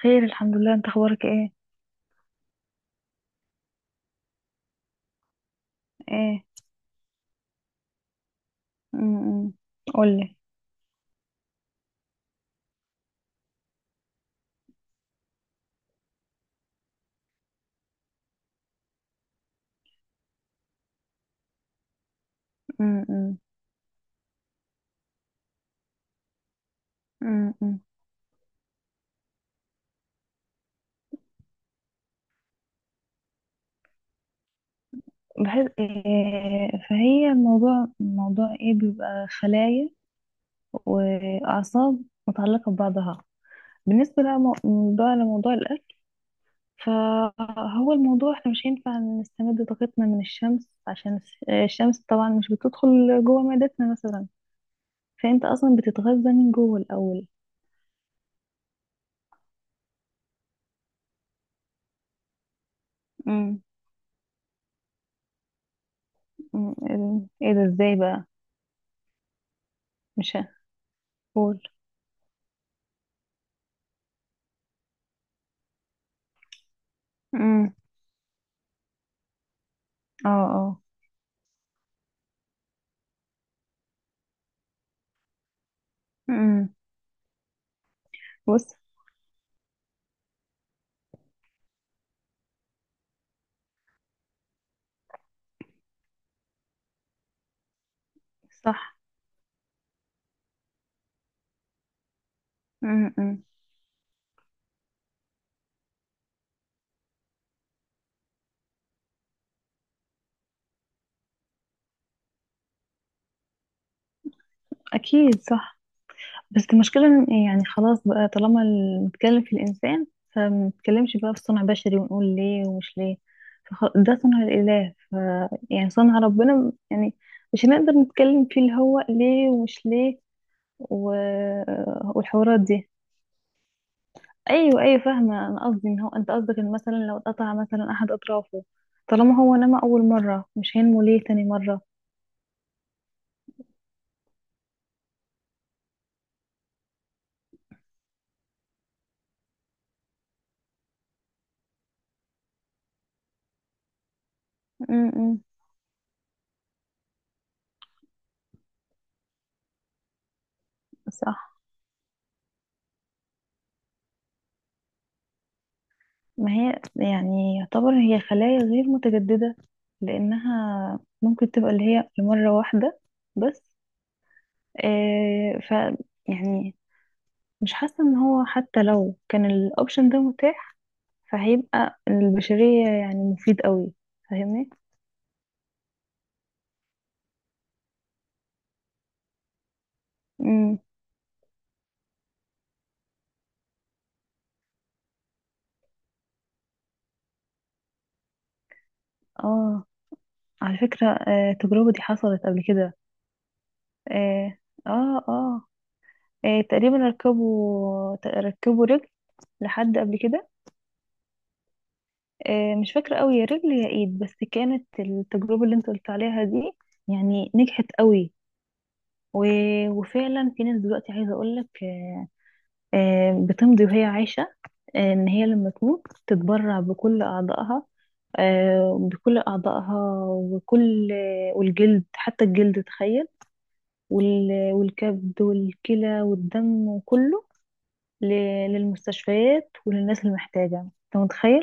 خير، الحمد لله. انت اخبارك ايه؟ ايه. امم قولي. امم. امم بحس إيه، فهي الموضوع موضوع ايه بيبقى خلايا واعصاب متعلقة ببعضها. بالنسبة لموضوع الاكل، فهو الموضوع احنا مش هينفع نستمد طاقتنا من الشمس، عشان الشمس طبعا مش بتدخل جوه معدتنا مثلا. فانت اصلا بتتغذى من جوه الاول. امم ايه ده، ازاي بقى؟ مش هقول. اه اه. امم بص. صح. امم. اكيد صح. بس المشكله إن إيه، يعني خلاص بقى طالما نتكلم في الانسان، فما نتكلمش بقى في صنع بشري ونقول ليه ومش ليه. ده صنع الاله، ف، يعني صنع ربنا يعني. مش هنقدر نتكلم فيه اللي هو ليه ومش ليه و... والحوارات دي. ايوه ايوه، فاهمه. انا قصدي ان هو انت قصدك ان مثلا لو اتقطع مثلا احد اطرافه، طالما هو نما اول مره، مش هينمو ليه تاني مره. امم. صح. ما هي يعني يعتبر هي خلايا غير متجددة، لأنها ممكن تبقى اللي هي لمرة واحدة بس. آه ف يعني مش حاسة إن هو حتى لو كان الأوبشن ده متاح، فهيبقى البشرية يعني مفيد قوي. فاهمني؟ امم. اه. على فكرة آه، التجربة دي حصلت قبل كده. اه. اه, آه, آه، تقريبا ركبوا رجل لحد قبل كده. آه، مش فاكرة قوي يا رجل يا ايد، بس كانت التجربة اللي انت قلت عليها دي يعني نجحت قوي. و... وفعلا في ناس دلوقتي عايزة اقولك بتمضي وهي عايشة ان هي لما تموت تتبرع بكل اعضائها. بكل اعضائها وكل والجلد، حتى الجلد، تخيل. والكبد والكلى والدم وكله. ل... للمستشفيات وللناس المحتاجة. انت متخيل؟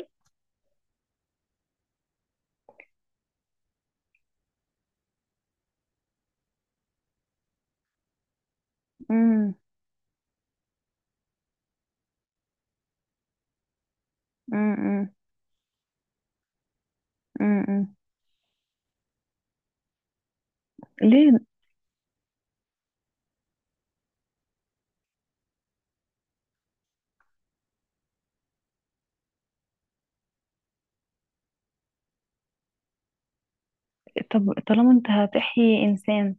امم. امم. امم. ليه؟ طب طالما انت هتحيي انسان،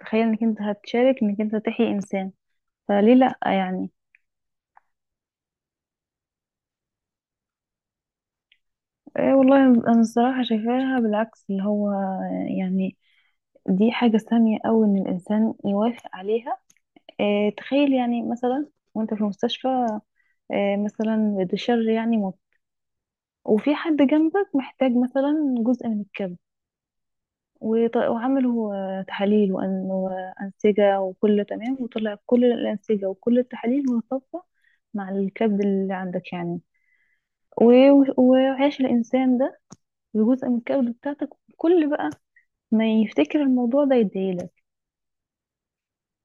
تخيل انك انت هتشارك، انك انت تحيي انسان، فليه لا يعني؟ ايه والله، انا الصراحه شايفاها بالعكس اللي هو يعني دي حاجه ساميه قوي ان الانسان يوافق عليها. إيه تخيل، يعني مثلا وانت في المستشفى إيه، مثلا بتشر يعني موت، وفي حد جنبك محتاج مثلا جزء من الكبد، وعملوا آه، تحاليل وأنسجة وكله تمام، وطلع كل الأنسجة وكل التحاليل متطابقة مع الكبد اللي عندك يعني. وعيش الإنسان ده بجزء من الكبد بتاعتك. كل بقى ما يفتكر الموضوع ده يديلك،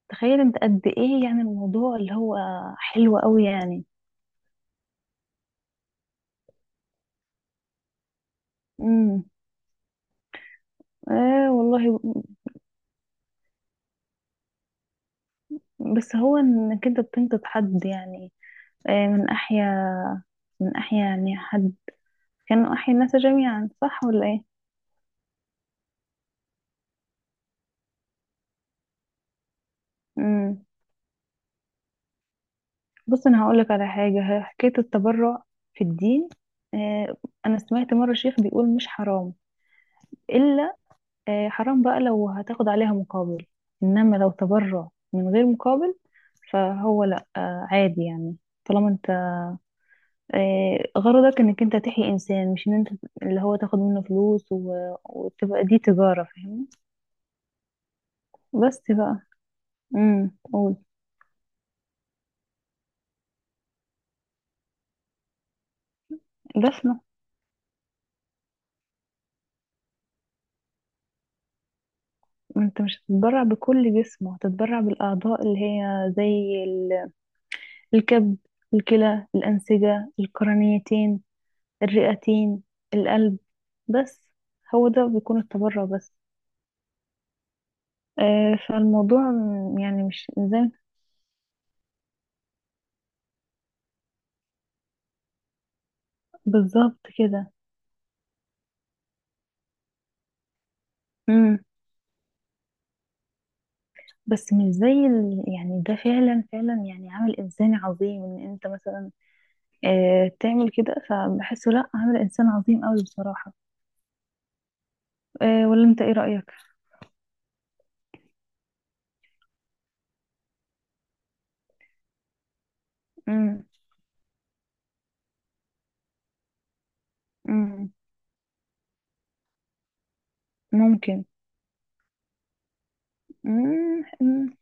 تخيل انت قد ايه، يعني الموضوع اللي هو حلو قوي يعني. امم. اه والله. بس هو انك انت بتنقذ حد يعني آه، من احيا، من احيا يعني حد كانوا احيا الناس جميعا، صح ولا ايه؟ امم. بص، انا هقول لك على حاجه. حكايه التبرع في الدين آه، انا سمعت مره شيخ بيقول مش حرام، الا حرام بقى لو هتاخد عليها مقابل، انما لو تبرع من غير مقابل فهو لا، عادي يعني. طالما انت غرضك انك انت تحيي انسان، مش ان انت اللي هو تاخد منه فلوس وتبقى دي تجاره. فاهمني؟ بس بقى. امم. قول. دفنه. انت مش هتتبرع بكل جسمه، هتتبرع بالاعضاء اللي هي زي الكبد، الكلى، الأنسجة، القرنيتين، الرئتين، القلب، بس. هو ده بيكون التبرع بس. آه، يعني مش زي. بالظبط كده. امم بس مش زي يعني ده فعلا فعلا يعني عمل إنساني عظيم إن أنت مثلا آه تعمل كده، فبحسه لأ، عمل إنسان عظيم أوي بصراحة آه. ولا أنت إيه رأيك؟ امم. امم. ممكن. مم.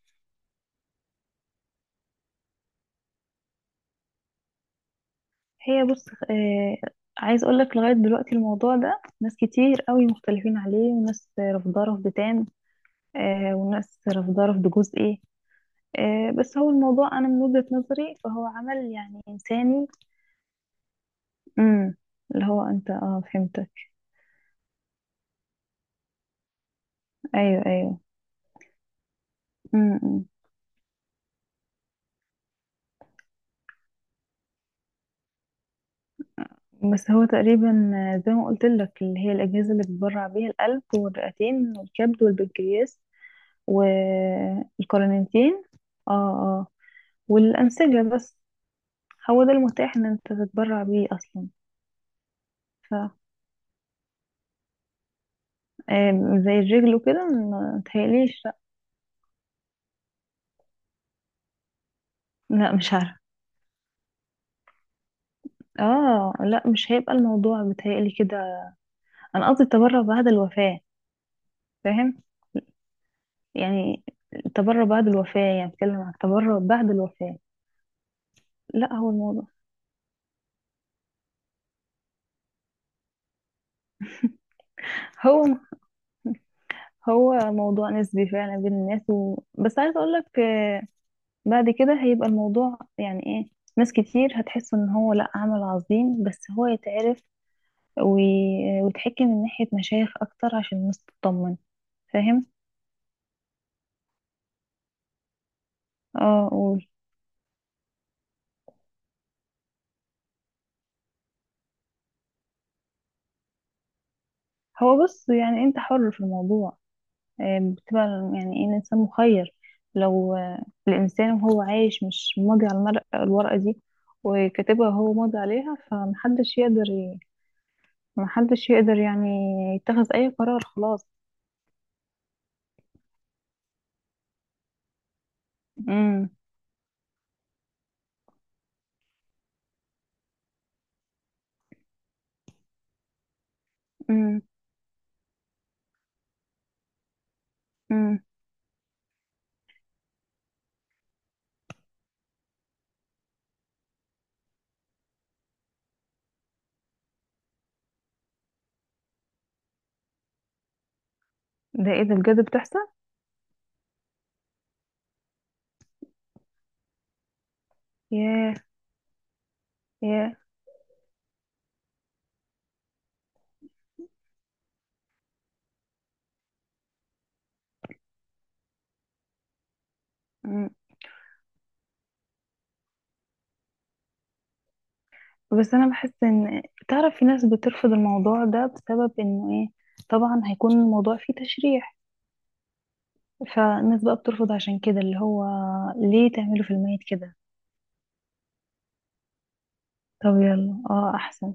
هي بص آه، عايز اقول لك لغايه دلوقتي الموضوع ده ناس كتير قوي مختلفين عليه، وناس رافضاه رفض تام آه، وناس رافضاه رفض جزئي آه. بس هو الموضوع انا من وجهه نظري فهو عمل يعني انساني. امم. اللي هو انت اه، فهمتك. ايوه ايوه. امم بس هو تقريبا آه، زي ما قلت لك اللي هي الاجهزه اللي بتبرع بيها: القلب والرئتين والكبد والبنكرياس والقولونتين. اه. اه، والانسجه بس. هو ده المتاح ان انت تتبرع بيه اصلا. ف آم، زي الرجل وكده ما متهيأليش لا. لا، مش عارفه. اه لا، مش هيبقى الموضوع بتهيألي كده. انا قصدي التبرع بعد الوفاه. فاهم؟ يعني التبرع بعد الوفاه، يعني بتكلم عن التبرع بعد الوفاه. لا هو الموضوع. هو هو موضوع نسبي فعلا بين الناس و... بس عايز اقول لك بعد كده هيبقى الموضوع يعني ايه، ناس كتير هتحس ان هو لا عمل عظيم، بس هو يتعرف وتحكي من ناحية مشايخ أكتر عشان الناس تطمن. فاهم؟ اه قول. هو بص، يعني انت حر في الموضوع آه، بتبقى يعني ايه، الإنسان مخير. لو الإنسان وهو عايش مش ماضي على المرقة الورقة دي، وكاتبها هو ماضي عليها، فمحدش يقدر محدش يقدر يعني يتخذ أي قرار خلاص. امم. امم. امم. ده ايه، ده بجد بتحصل؟ ياه. ياه. امم. بس انا بحس ان، تعرف في ناس بترفض الموضوع ده بسبب انه ايه، طبعا هيكون الموضوع فيه تشريح. فالناس بقى بترفض عشان كده اللي هو ليه تعملوا في الميت كده. طب يلا اه احسن.